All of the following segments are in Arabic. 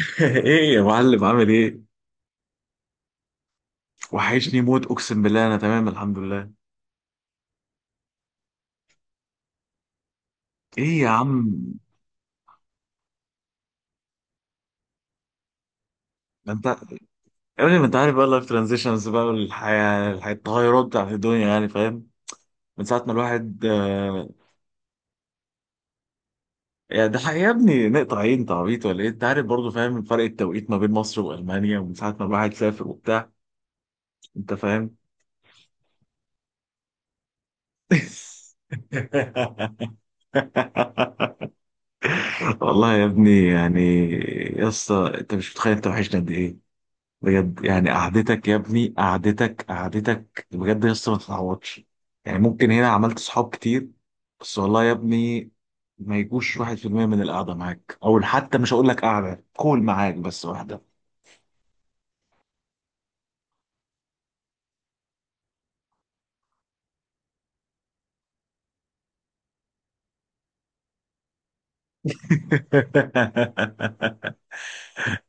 ايه يا معلم، عامل ايه؟ وحشني موت، اقسم بالله. انا تمام، الحمد لله. ايه يا عم؟ ما انت يا ابني، ما انت عارف بقى اللايف ترانزيشنز بقى التغيرات بتاعت الدنيا، يعني فاهم؟ من ساعة ما الواحد يعني ده حقيقي يا ابني نقطع؟ عين انت، عبيط ولا ايه؟ انت عارف برضه، فاهم فرق التوقيت ما بين مصر والمانيا. ومن ساعة ما الواحد سافر وبتاع، انت فاهم؟ والله يا ابني، يعني يا اسطى انت مش متخيل انت وحشني قد ايه؟ بجد، يعني قعدتك يا ابني، قعدتك بجد يا اسطى ما تتعوضش. يعني ممكن هنا عملت صحاب كتير، بس والله يا ابني ما يجوش واحد في المية من القعدة معاك، أو حتى مش هقول لك قعدة كول معاك بس واحدة.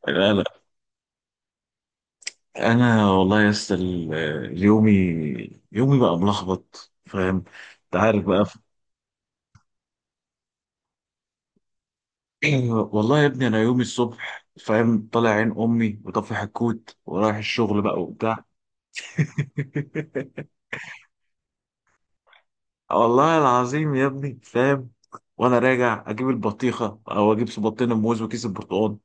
لا، لا. أنا والله يا اسطى يومي بقى ملخبط، فاهم. أنت عارف بقى. ايوه. والله يا ابني، أنا يومي الصبح، فاهم، طالع عين أمي وطفي حكوت، ورايح الشغل بقى وبتاع. والله العظيم يا ابني، فاهم. وانا راجع اجيب البطيخه، او اجيب صباطين موز وكيس البرتقال،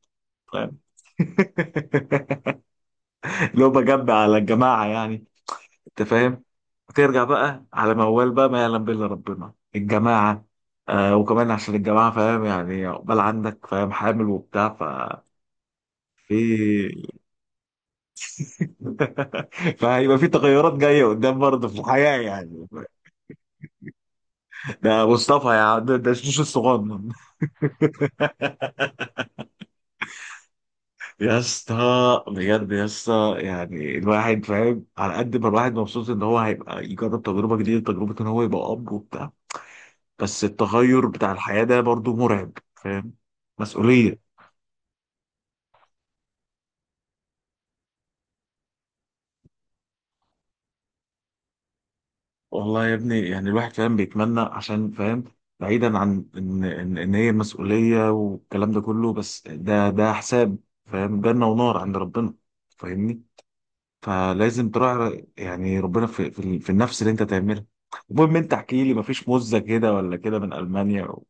فاهم. لو بجمع على الجماعه يعني، انت فاهم. ترجع بقى على موال بقى ما يعلم به الا ربنا، الجماعه. آه، وكمان عشان الجماعه، فاهم، يعني عقبال عندك، فاهم، حامل وبتاع. في. فهيبقى في تغيرات جايه قدام برضه في الحياه يعني. ده مصطفى يا عم، ده الشيش الصغنن. يا اسطى بجد، يا اسطى يعني الواحد فاهم على قد ما الواحد مبسوط ان هو هيبقى يجرب تجربه جديده، تجربه ان هو يبقى اب وبتاع. بس التغير بتاع الحياه ده برضو مرعب، فاهم، مسؤوليه. والله يا ابني، يعني الواحد فاهم بيتمنى عشان فاهم. بعيدا عن إن هي مسؤوليه والكلام ده كله، بس ده حساب، فاهم، جنه ونار عند ربنا، فاهمني. فلازم تراعي يعني ربنا في النفس اللي انت تعملها. المهم، انت احكي لي، مفيش مزة كده ولا كده من المانيا و...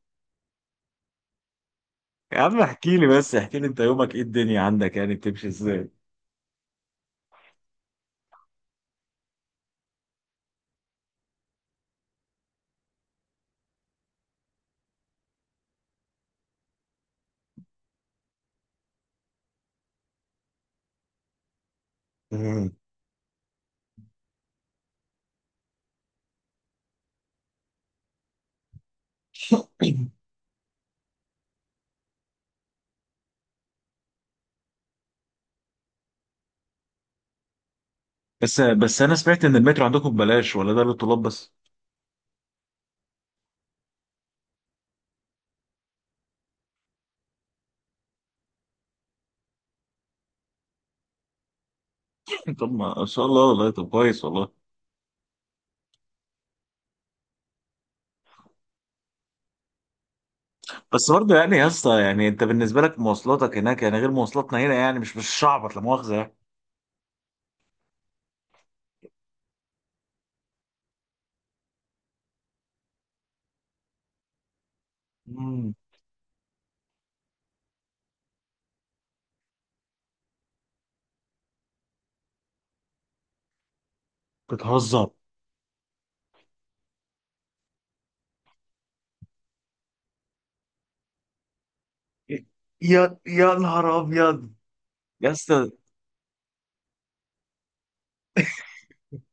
يا عم احكي لي، بس احكي لي انت يومك ايه، الدنيا عندك يعني بتمشي ازاي؟ مم. بس انا سمعت ان المترو عندكم ببلاش، ولا ده للطلاب بس؟ طب، ما شاء الله، والله طب كويس والله. بس برضه يعني يا اسطى، يعني انت بالنسبه لك مواصلاتك هناك يعني غير مواصلاتنا هنا، يعني مش شعبط، لا مؤاخذه يعني. مم. بتهزر. يا نهار ابيض يا اسطى.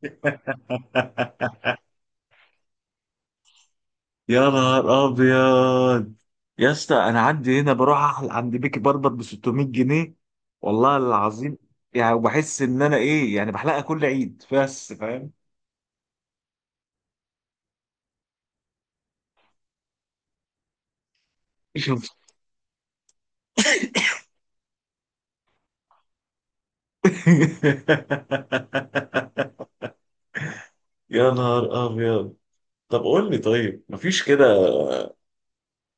يا نهار ابيض يا اسطى. انا عندي هنا بروح عند بيكي بربر ب 600 جنيه، والله العظيم. يعني وبحس ان انا ايه، يعني بحلقها كل عيد بس، فاهم. شوف. يا نهار ابيض. طب قول لي، طيب مفيش كده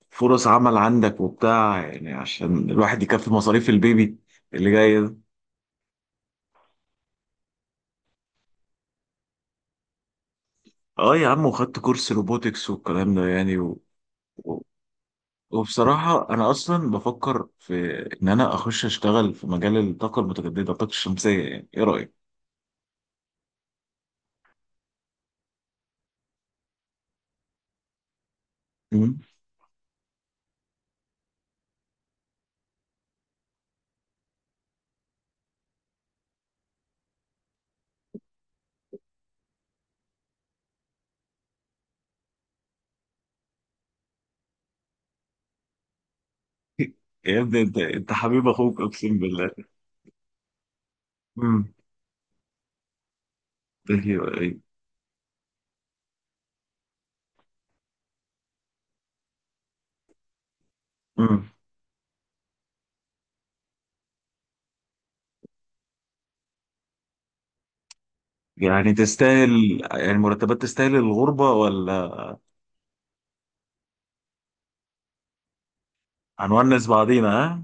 فرص عمل عندك وبتاع، يعني عشان الواحد يكفي مصاريف البيبي اللي جاي ده؟ اه يا عم، وخدت كورس روبوتكس والكلام ده يعني و... وبصراحة أنا أصلا بفكر في إن أنا أخش أشتغل في مجال الطاقة المتجددة، الطاقة الشمسية يعني، إيه رأيك؟ مم. يا ابني، أنت حبيب أخوك، أقسم بالله. امم. أيوه، أيوه. امم. يعني تستاهل، يعني مرتبات تستاهل الغربة ولا؟ هنونس بعضينا، ها؟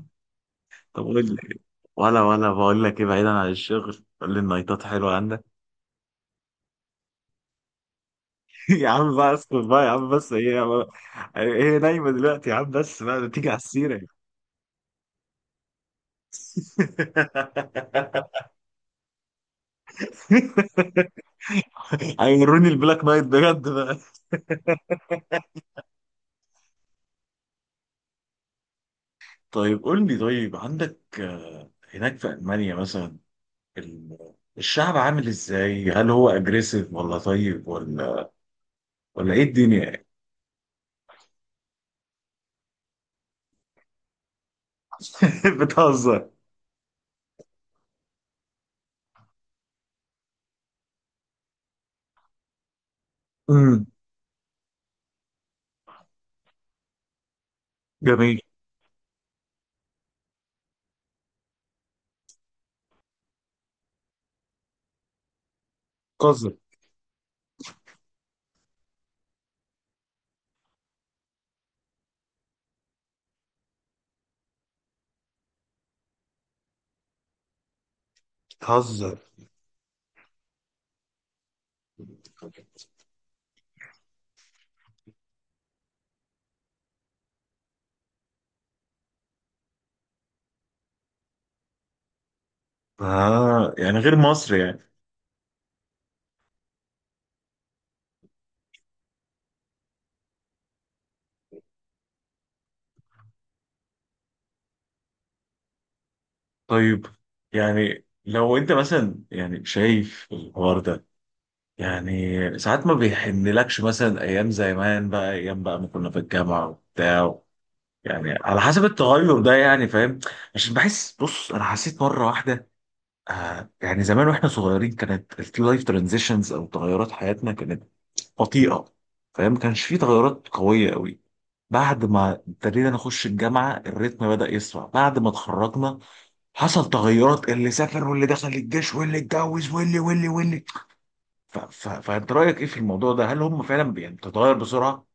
طب قول لي. ولا بقول لك إيه، بعيدا عن الشغل، قول لي، النايتات حلوة عندك؟ يا عم بقى، اسكت بقى يا عم، بس هي نايمة دلوقتي يا عم، بس بقى تيجي على السيرة. هيوروني البلاك نايت بجد بقى. طيب قول لي، طيب عندك، هناك في ألمانيا مثلا الشعب عامل ازاي؟ هل هو اجريسيف ولا طيب، ولا ايه الدنيا يعني؟ بتهزر. امم جميل. بتهزر بتهزر يعني غير مصر يعني. طيب، يعني لو انت مثلا يعني شايف الحوار ده، يعني ساعات ما بيحنلكش مثلا ايام زمان بقى، ايام بقى ما كنا في الجامعه وبتاع، يعني على حسب التغير ده يعني، فاهم. عشان بحس، بص انا حسيت مره واحده، يعني زمان واحنا صغيرين كانت اللايف ترانزيشنز او تغيرات حياتنا كانت بطيئه، فاهم، ما كانش في تغيرات قويه قوي. بعد ما ابتدينا نخش الجامعه، الريتم بدا يسرع. بعد ما اتخرجنا حصل تغيرات، اللي سافر واللي دخل الجيش واللي اتجوز واللي واللي واللي. فانت رايك ايه في الموضوع ده، هل هم فعلا يعني بتتغير بسرعه؟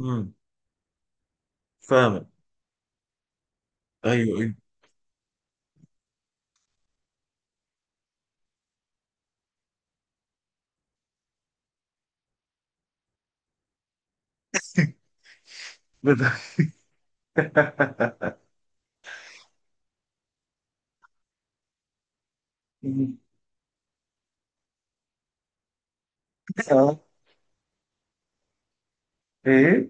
امم فاهم. ايوه، ايوه. بت- اه، ايه؟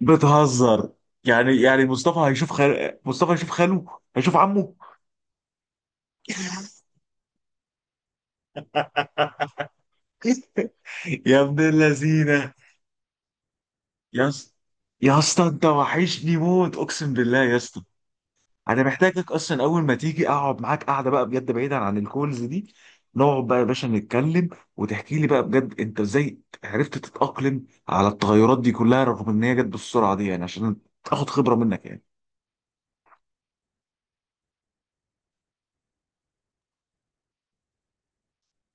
بتهزر. يعني مصطفى هيشوف خاله، هيشوف عمه. يا ابن اللذينه، يا اسطى، يا اسطى انت وحشني موت، اقسم بالله يا اسطى. انا محتاجك، اصلا اول ما تيجي اقعد معاك، قاعده بقى بجد بعيدا عن الكولز دي، نقعد بقى يا باشا نتكلم. وتحكي لي بقى بجد انت ازاي عرفت تتاقلم على التغيرات دي كلها، رغم ان هي جت بالسرعه دي يعني، عشان اخد خبره منك يعني.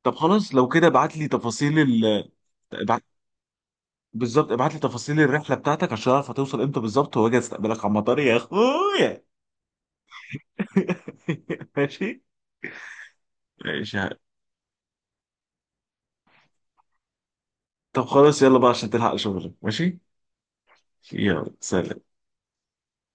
طب خلاص، لو كده ابعت لي تفاصيل ابعت. بالظبط، ابعت لي تفاصيل الرحله بتاعتك عشان اعرف هتوصل امتى بالظبط، واجي استقبلك على المطار يا اخويا. ماشي. ماشي. طب خلاص، يلا بقى عشان تلحق شغلك. ماشي، يلا سلام.